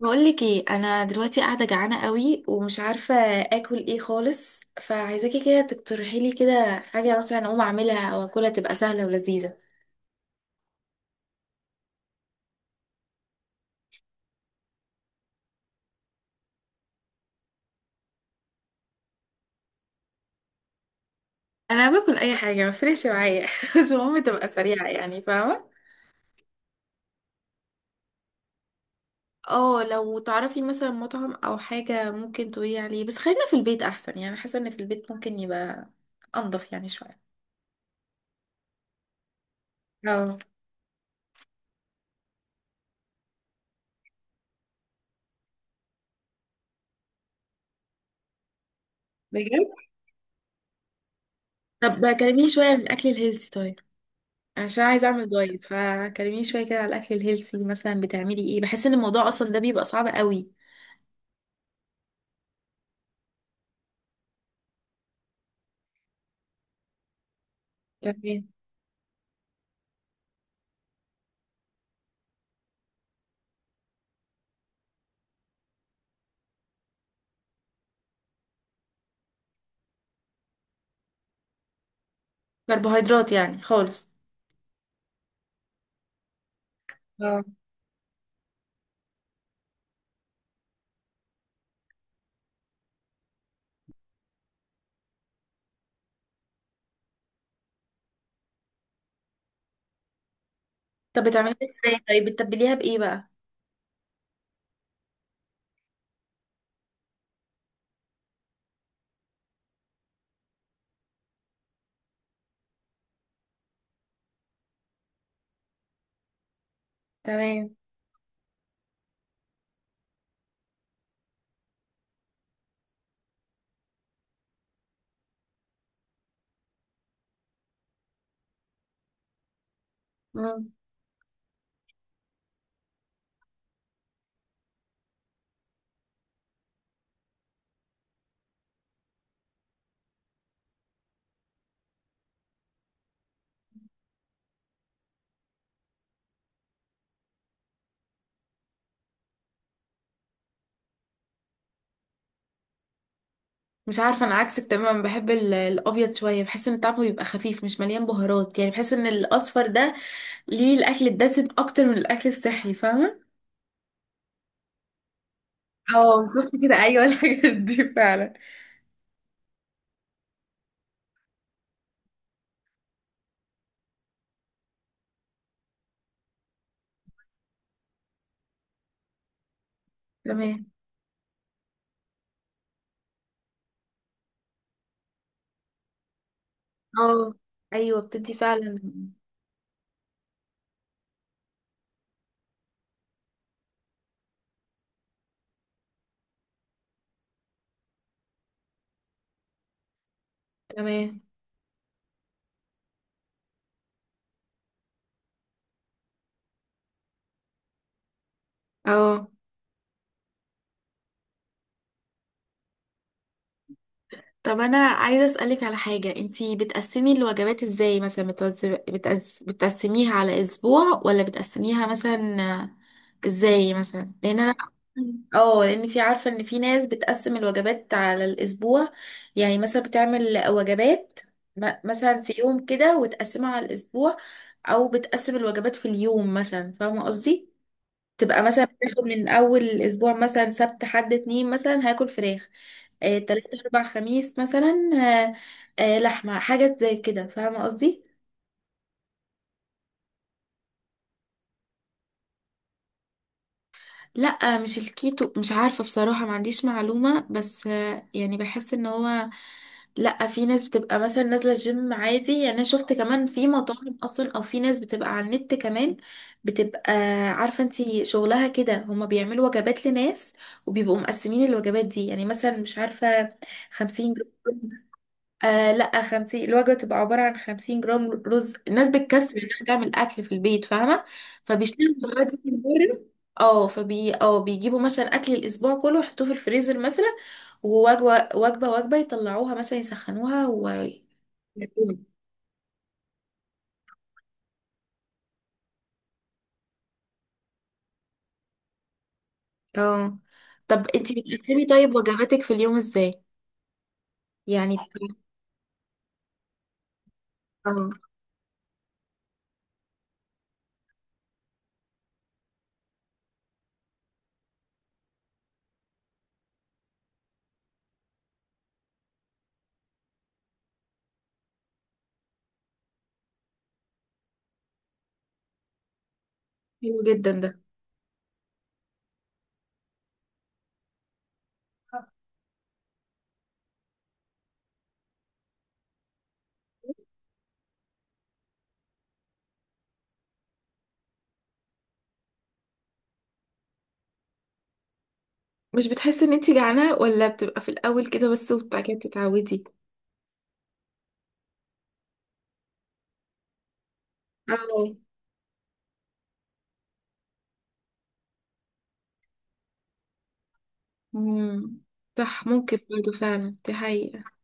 بقولك ايه، انا دلوقتي قاعده جعانه قوي ومش عارفه اكل ايه خالص، فعايزاكي كده تقترحي لي كده حاجه مثلا اقوم اعملها او اكلها تبقى سهله ولذيذه. انا باكل اي حاجه، ما فرقش معايا بس المهم تبقى سريعه، يعني فاهمه. اه لو تعرفي مثلا مطعم او حاجه ممكن تقولي عليه، بس خلينا في البيت احسن، يعني حاسه ان في البيت ممكن يبقى انضف يعني شويه. اه. بجد؟ طب كلميني شويه عن الاكل الهيلثي طيب، عشان عايزه اعمل دايت، فكلميني شويه كده على الاكل الهيلثي. مثلا بتعملي ايه؟ بحس ان الموضوع اصلا ده بيبقى صعب قوي. تمام. كربوهيدرات يعني خالص. اه. طب بتعمليها ازاي؟ طيب بتتبليها بايه بقى؟ تمام. مم. مش عارفه، انا عكسك تماما، بحب الابيض شويه، بحس ان طعمه بيبقى خفيف مش مليان بهارات، يعني بحس ان الاصفر ده ليه الاكل الدسم اكتر من الاكل الصحي، فاهمه؟ اه بالظبط كده، ايوه الحاجات دي فعلا. تمام. اه ايوه بتدي فعلا. تمام. اه. طب انا عايزه اسالك على حاجه، انتي بتقسمي الوجبات ازاي؟ مثلا بتقسميها على اسبوع ولا بتقسميها مثلا ازاي مثلا؟ لان انا اه، لان في، عارفه ان في ناس بتقسم الوجبات على الاسبوع، يعني مثلا بتعمل وجبات مثلا في يوم كده وتقسمها على الاسبوع، او بتقسم الوجبات في اليوم مثلا، فاهمه قصدي؟ تبقى مثلا بتاخد من اول اسبوع مثلا سبت حد اتنين مثلا هاكل فراخ، تلاتة اربع خميس مثلا لحمة حاجة زي كده، فاهمة قصدي؟ لا مش الكيتو، مش عارفة بصراحة، ما عنديش معلومة، بس يعني بحس ان هو، لا في ناس بتبقى مثلا نازله جيم عادي، يعني انا شفت كمان في مطاعم اصلا، او في ناس بتبقى على النت كمان بتبقى عارفه انتي شغلها كده، هما بيعملوا وجبات لناس وبيبقوا مقسمين الوجبات دي، يعني مثلا مش عارفه 50 جرام. آه لا، خمسين، الوجبة بتبقى عبارة عن خمسين جرام رز، الناس بتكسل انها تعمل أكل في البيت، فاهمة؟ فبيشتروا الوجبات دي من بره. اه فبي اه بيجيبوا مثلا أكل الأسبوع كله يحطوه في الفريزر مثلا، ووجبة وجبة وجبة يطلعوها مثلا يسخنوها و... اه. طب انتي بتقسمي طيب وجباتك في اليوم ازاي؟ يعني بت- اه. حلو جدا ده. مش بتحسي ان انتي جعانة، ولا بتبقى في الأول كده بس وبعد كده بتتعودي؟ اه. مم. صح، ممكن برضه، فعلا دي حقيقة.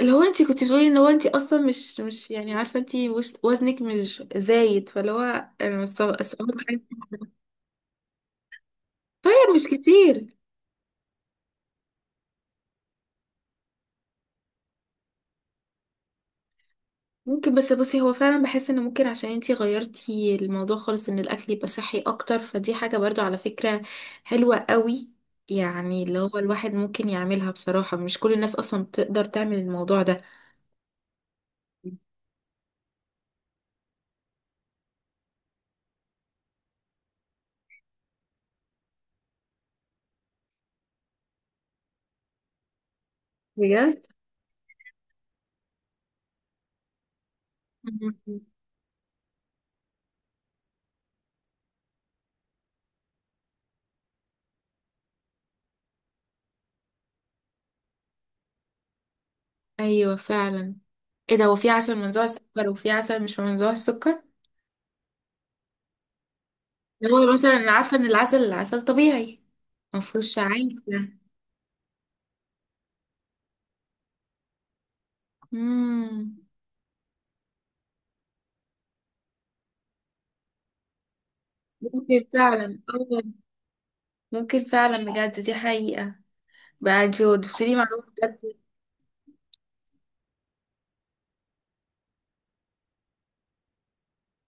اللي هو انتي كنتي بتقولي ان هو انتي اصلا مش يعني عارفة، انتي وزنك مش زايد، فاللي هو انا مش سقطت حاجة. طيب مش كتير. ممكن، بس بصي، هو فعلا بحس ان ممكن عشان انتي غيرتي الموضوع خالص ان الاكل يبقى صحي اكتر، فدي حاجة برضو على فكرة حلوة قوي. يعني اللي هو الواحد ممكن يعملها، بصراحة مش كل الناس اصلا بتقدر تعمل الموضوع ده. بجد؟ ايوه فعلا. ايه ده، وفي عسل منزوع السكر وفي عسل مش منزوع السكر؟ اللي هو مثلا أنا عارفه ان العسل، العسل طبيعي مفهوش عادي يعني. امم. ممكن فعلا. اه. ممكن فعلا بجد، دي حقيقه. بقى انتي ضفتيلي معلومه بجد.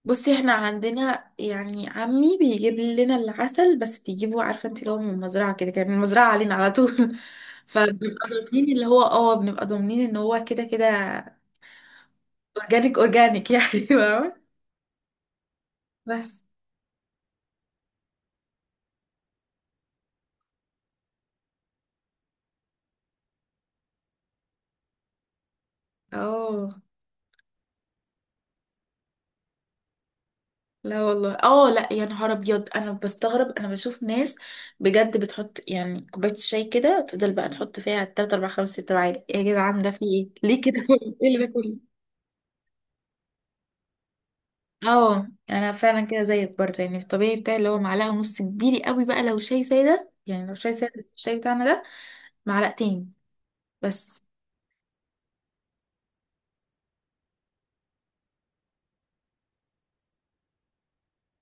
بصي احنا عندنا يعني عمي بيجيب لنا العسل، بس بيجيبه عارفه انت اللي هو من المزرعه كده، كان من المزرعه علينا على طول فبنبقى ضامنين، اللي هو اه بنبقى ضامنين ان هو كده كده اورجانيك، اورجانيك يعني فاهمة؟ بس. اه. لا والله. اه لا يا نهار ابيض، انا بستغرب، انا بشوف ناس بجد بتحط يعني كوبايه الشاي كده تفضل بقى تحط فيها 3 4 5 6 معالق، يا جدعان ده في ايه، ليه كده؟ ايه اللي ده كله؟ اه انا فعلا كده زيك برضه، يعني في الطبيعي بتاعي اللي هو معلقه ونص، كبير قوي بقى لو شاي ساده، يعني لو شاي ساده الشاي بتاعنا ده معلقتين بس.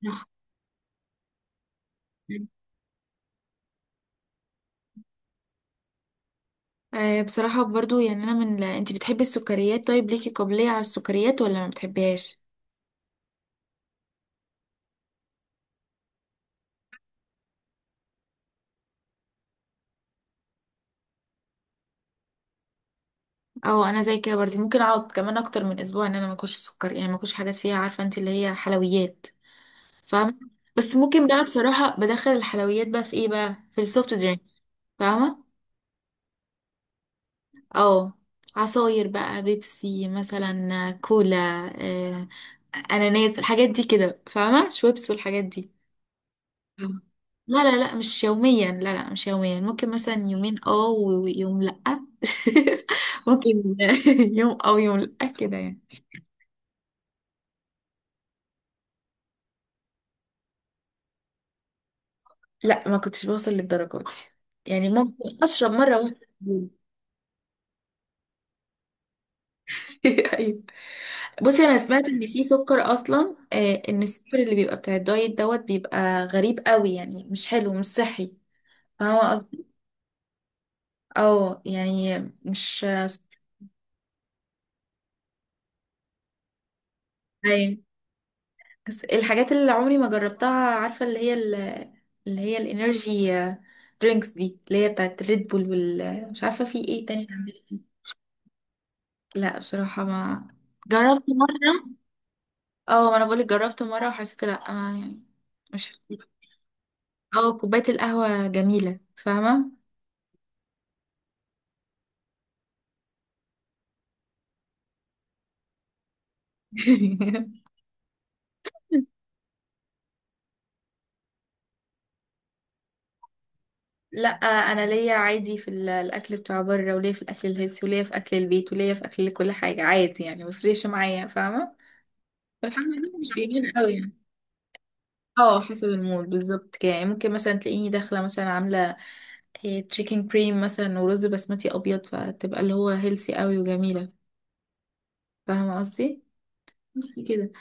نعم. بصراحه برضه، يعني انا من لا. انت بتحبي السكريات؟ طيب ليكي قابليه على السكريات ولا ما بتحبيهاش؟ اه انا زي كده برضه، ممكن اقعد كمان اكتر من اسبوع ان انا ما اكلش سكر، يعني ما اكلش حاجات فيها، عارفه انت، اللي هي حلويات، فاهمه؟ بس ممكن بقى بصراحه بدخل الحلويات بقى في ايه؟ بقى في السوفت درينك، فاهمه؟ اه. عصاير بقى، بيبسي مثلا، كولا، آه اناناس، الحاجات دي كده، فاهمه؟ شويبس والحاجات دي. اه. لا لا لا مش يوميا، لا لا مش يوميا، ممكن مثلا يومين اه ويوم لا ممكن يوم او يوم لا كده يعني. لا ما كنتش بوصل للدرجة دي، يعني ممكن اشرب مرة واحدة ايوه. بصي انا سمعت ان في سكر اصلا، ان السكر اللي بيبقى بتاع الدايت دوت بيبقى غريب قوي، يعني مش حلو مش صحي، فاهمه قصدي؟ اه يعني مش، أيوة. بس الحاجات اللي عمري ما جربتها، عارفه اللي هي اللي هي الانرجي درينكس دي، اللي هي بتاعت ريد بول وال، مش عارفه في ايه تاني عندنا. لا بصراحه ما جربت مره. اه ما انا بقولك جربت مرة وحسيت لا، ما يعني مش، اه كوباية القهوة جميلة فاهمة؟ لا انا ليا عادي في الاكل بتاع بره، وليا في الاكل الهيلثي، وليا في اكل البيت، وليا في اكل كل حاجة عادي، يعني مفرقش معايا، فاهمة؟ فالحمد لله مش بيمين قوي يعني. اه حسب المود بالظبط كده، يعني ممكن مثلا تلاقيني داخلة مثلا عاملة تشيكن كريم مثلا ورز بسمتي ابيض، فتبقى اللي هو هيلثي قوي وجميلة، فاهمة قصدي؟ بس كده.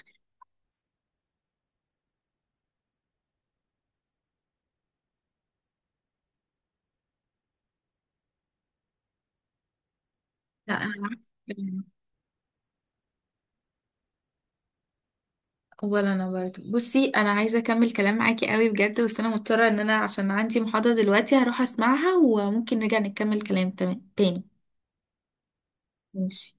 لا انا عكس. ولا انا برضه. بصي انا عايزه اكمل كلام معاكي قوي بجد، بس انا مضطره ان انا عشان عندي محاضره دلوقتي هروح اسمعها، وممكن نرجع نكمل كلام تمام تاني. ماشي.